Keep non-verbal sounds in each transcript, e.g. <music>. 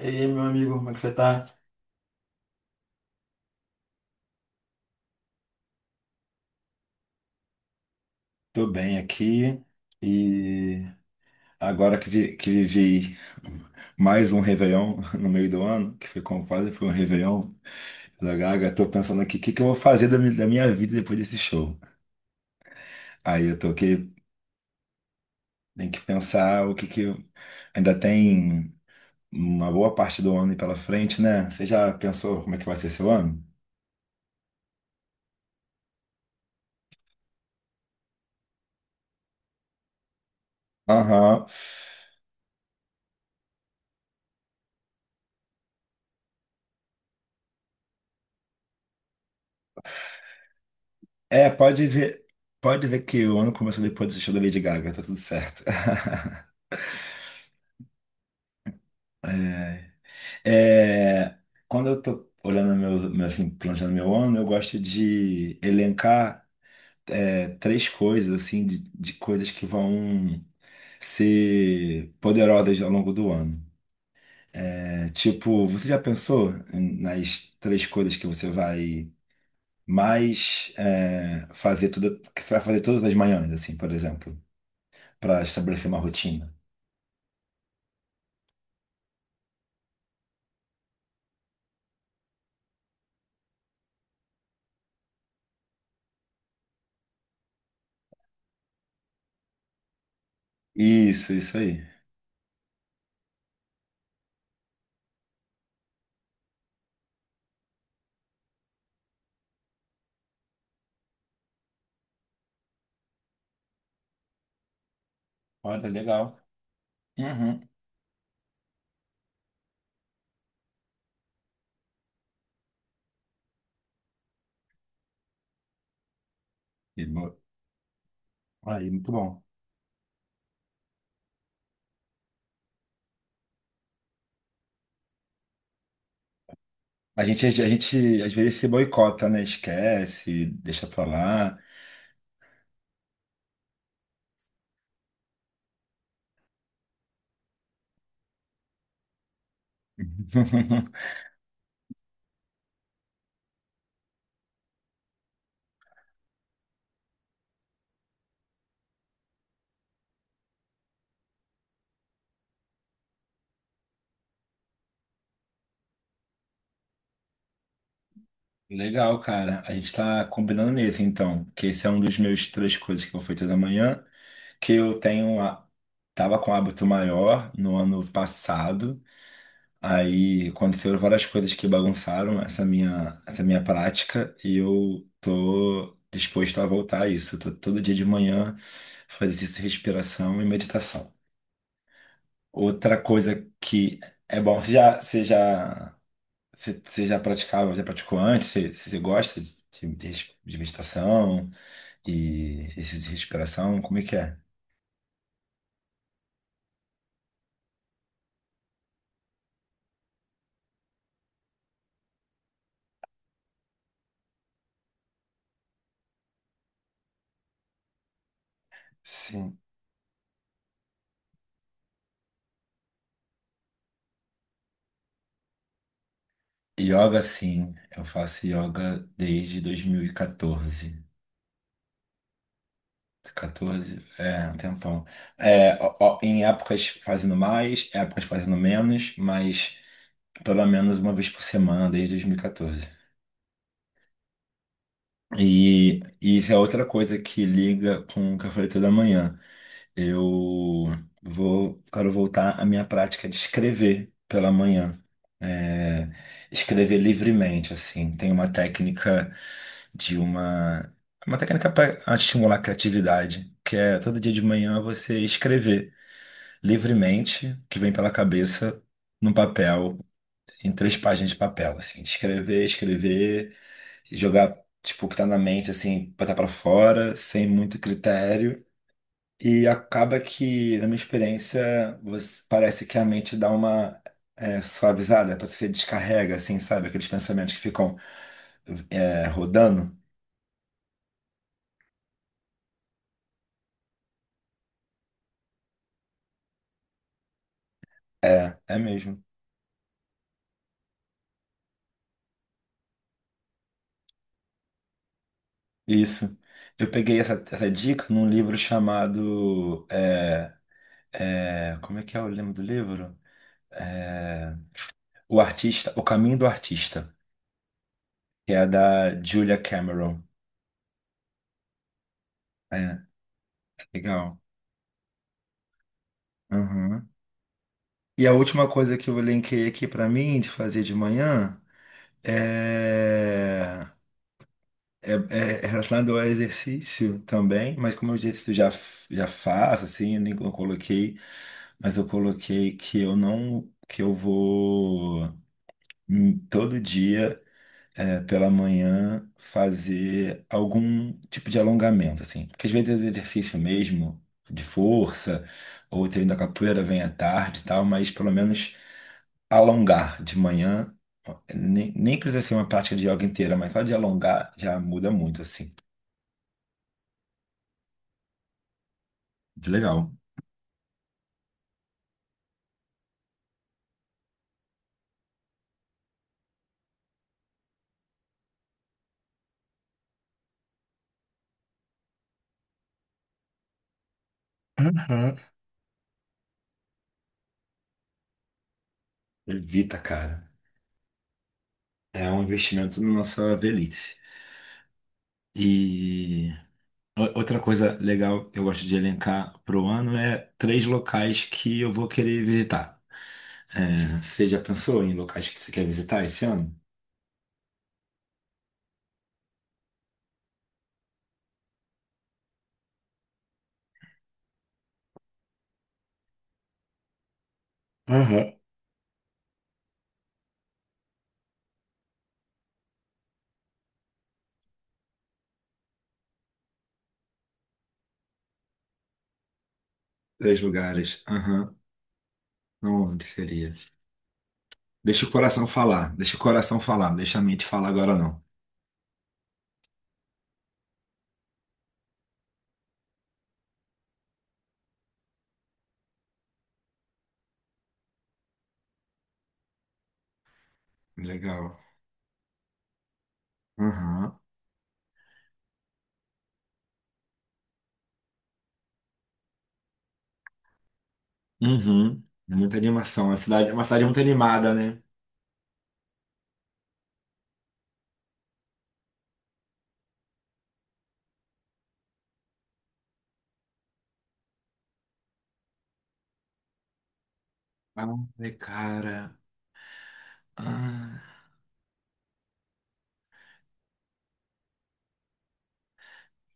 E aí, meu amigo, como é que você tá? Tô bem aqui e agora que, que vivi mais um Réveillon <laughs> no meio do ano, que foi como quase foi um Réveillon da Gaga. Tô pensando aqui o que eu vou fazer da minha vida depois desse show. Aí eu tô aqui, tem que pensar o que que eu... Ainda tem uma boa parte do ano pela frente, né? Você já pensou como é que vai ser seu ano? Aham. É, pode dizer que o ano começou depois desse show da Lady Gaga, tá tudo certo. <laughs> É, quando eu tô olhando meu, assim, planejando meu ano, eu gosto de elencar três coisas, assim, de coisas que vão ser poderosas ao longo do ano. É, tipo, você já pensou nas três coisas que você vai mais fazer tudo, que você vai fazer todas as manhãs, assim, por exemplo, para estabelecer uma rotina? Isso aí. Olha, hum, e bo- aí, muito bom. A gente às vezes se boicota, né? Esquece, deixa pra lá. <laughs> Legal, cara. A gente tá combinando nesse, então. Que esse é um dos meus três coisas que eu fui toda manhã. Que eu tenho. A... Tava com um hábito maior no ano passado. Aí aconteceram várias coisas que bagunçaram essa minha prática. E eu tô disposto a voltar a isso. Tô todo dia de manhã fazer isso, respiração e meditação. Outra coisa que é bom. Você já praticava, já praticou antes? Você gosta de meditação e esse de respiração? Como é que é? Sim. Yoga, sim. Eu faço yoga desde 2014. 14, é, um tempão. É, ó, ó, em épocas fazendo mais, épocas fazendo menos, mas pelo menos uma vez por semana desde 2014. E isso é outra coisa que liga com o que eu falei toda manhã. Eu vou, quero voltar à minha prática de escrever pela manhã. É, escrever livremente, assim. Tem uma técnica de uma. Uma técnica para estimular a criatividade, que é todo dia de manhã você escrever livremente o que vem pela cabeça num papel, em três páginas de papel, assim. Escrever, escrever jogar, tipo, o que tá na mente, assim, botar pra fora, sem muito critério. E acaba que, na minha experiência, você- parece que a mente dá uma suavizada, parece que você descarrega, assim, sabe? Aqueles pensamentos que ficam rodando. É, é mesmo. Isso. Eu peguei essa dica num livro chamado. Como é que é o nome do livro? É, o Artista, O Caminho do Artista, que é da Julia Cameron. É, legal. Aham. E a última coisa que eu elenquei aqui para mim de fazer de manhã é, é, é relacionado ao exercício também, mas como eu disse, eu já, já faço, assim, eu nem eu coloquei, mas eu coloquei que eu não, que eu vou todo dia pela manhã fazer algum tipo de alongamento, assim, porque às vezes o exercício mesmo de força ou o treino da capoeira vem à tarde e tal, mas pelo menos alongar de manhã, nem precisa ser uma prática de yoga inteira, mas só de alongar já muda muito, assim. Muito legal. Uhum. Evita, cara. É um investimento na nossa velhice. E outra coisa legal que eu gosto de elencar pro ano é três locais que eu vou querer visitar. É, você já pensou em locais que você quer visitar esse ano? Uhum. Três lugares. Aham. Não, onde seria? Deixa o coração falar. Deixa o coração falar. Deixa a mente falar agora não. Legal. Aham. Uhum. É, muita animação. A cidade, uma cidade muito animada, né? Ai, cara. Ah.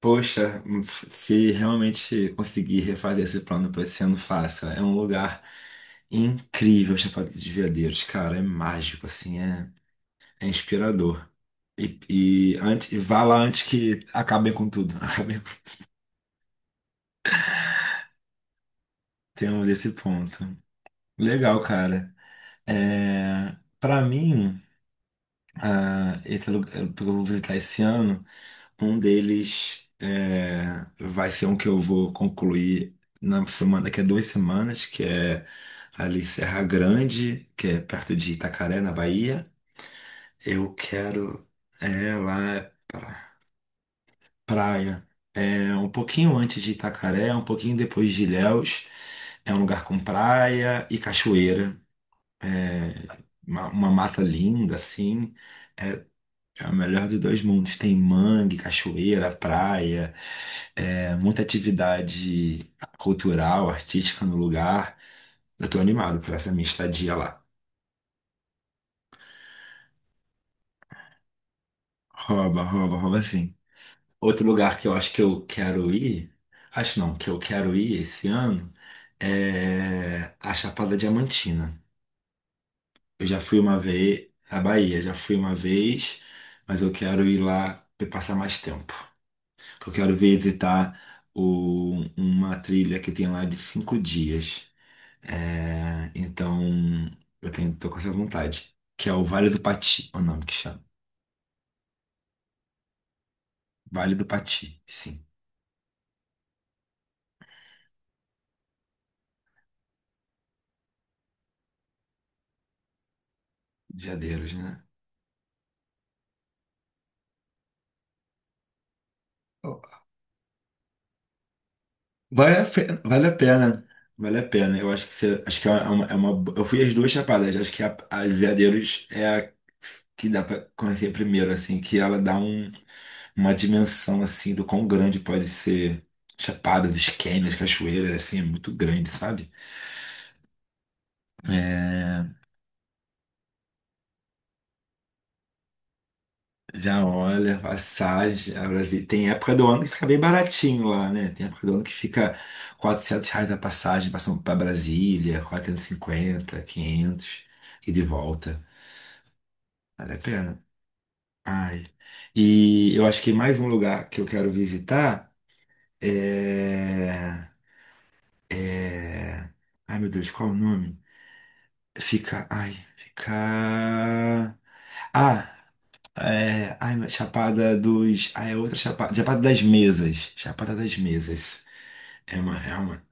Poxa, se realmente conseguir refazer esse plano para esse ano, faça. É um lugar incrível, Chapada dos Veadeiros, cara. É mágico, assim, é inspirador. E antes, e vá lá antes que acabem com tudo. <laughs> Acabem com... Temos esse ponto. Legal, cara. É, para mim, ah, esse lugar que eu vou visitar esse ano, um deles vai ser um que eu vou concluir na semana, daqui a 2 semanas, que é ali Serra Grande, que é perto de Itacaré, na Bahia. Eu quero lá é praia. É um pouquinho antes de Itacaré, um pouquinho depois de Ilhéus. É um lugar com praia e cachoeira. É uma mata linda, assim. É o melhor dos dois mundos. Tem mangue, cachoeira, praia. É, muita atividade cultural, artística no lugar. Eu tô animado por essa minha estadia lá. Rouba, rouba, rouba sim. Outro lugar que eu acho que eu quero ir, acho não, que eu quero ir esse ano é a Chapada Diamantina. Eu já fui uma vez na Bahia, já fui uma vez, mas eu quero ir lá para passar mais tempo. Eu quero visitar uma trilha que tem lá de 5 dias. É, então, eu tenho, tô com essa vontade. Que é o Vale do Pati, é o nome que chama. Vale do Pati, sim. De né? Vale a pena. Vale a pena. Eu acho que você, acho que eu fui as duas chapadas. Acho que a Veadeiros é a que dá pra conhecer primeiro, assim, que ela dá uma dimensão assim do quão grande pode ser Chapada dos Canyons, cachoeiras, assim, é muito grande, sabe? É, já olha, passagem, a Brasília. Tem época do ano que fica bem baratinho lá, né? Tem época do ano que fica 400 reais a passagem para Brasília, 450, 500, e de volta. Vale a pena. Ai. E eu acho que mais um lugar que eu quero visitar é... é... Ai, meu Deus, qual é o nome? Fica... Ai, fica... Ah, É, ai, Chapada dos. Ah, é outra Chapada. Chapada das Mesas. Chapada das Mesas. É uma, é uma.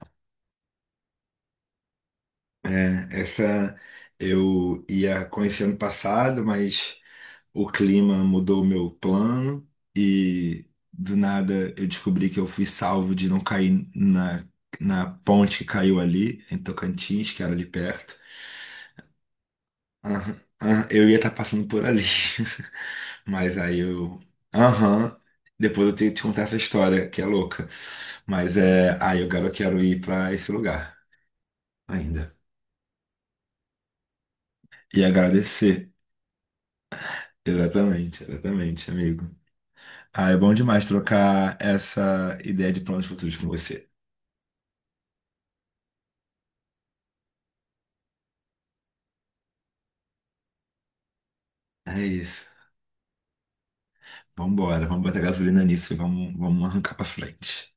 Essa eu ia conhecer ano passado, mas o clima mudou o meu plano e do nada eu descobri que eu fui salvo de não cair na ponte que caiu ali, em Tocantins, que era ali perto. Aham, aham, eu ia estar passando por ali. <laughs> Mas aí eu. Aham. Depois eu tenho que te contar essa história, que é louca. Mas é. Aí eu quero, quero ir pra esse lugar ainda. E agradecer. Exatamente, exatamente, amigo. Ah, é bom demais trocar essa ideia de planos futuros com você. É isso. Vambora, vamos botar gasolina nisso e vamos arrancar pra frente.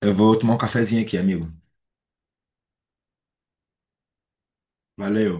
Eu vou tomar um cafezinho aqui, amigo. Valeu.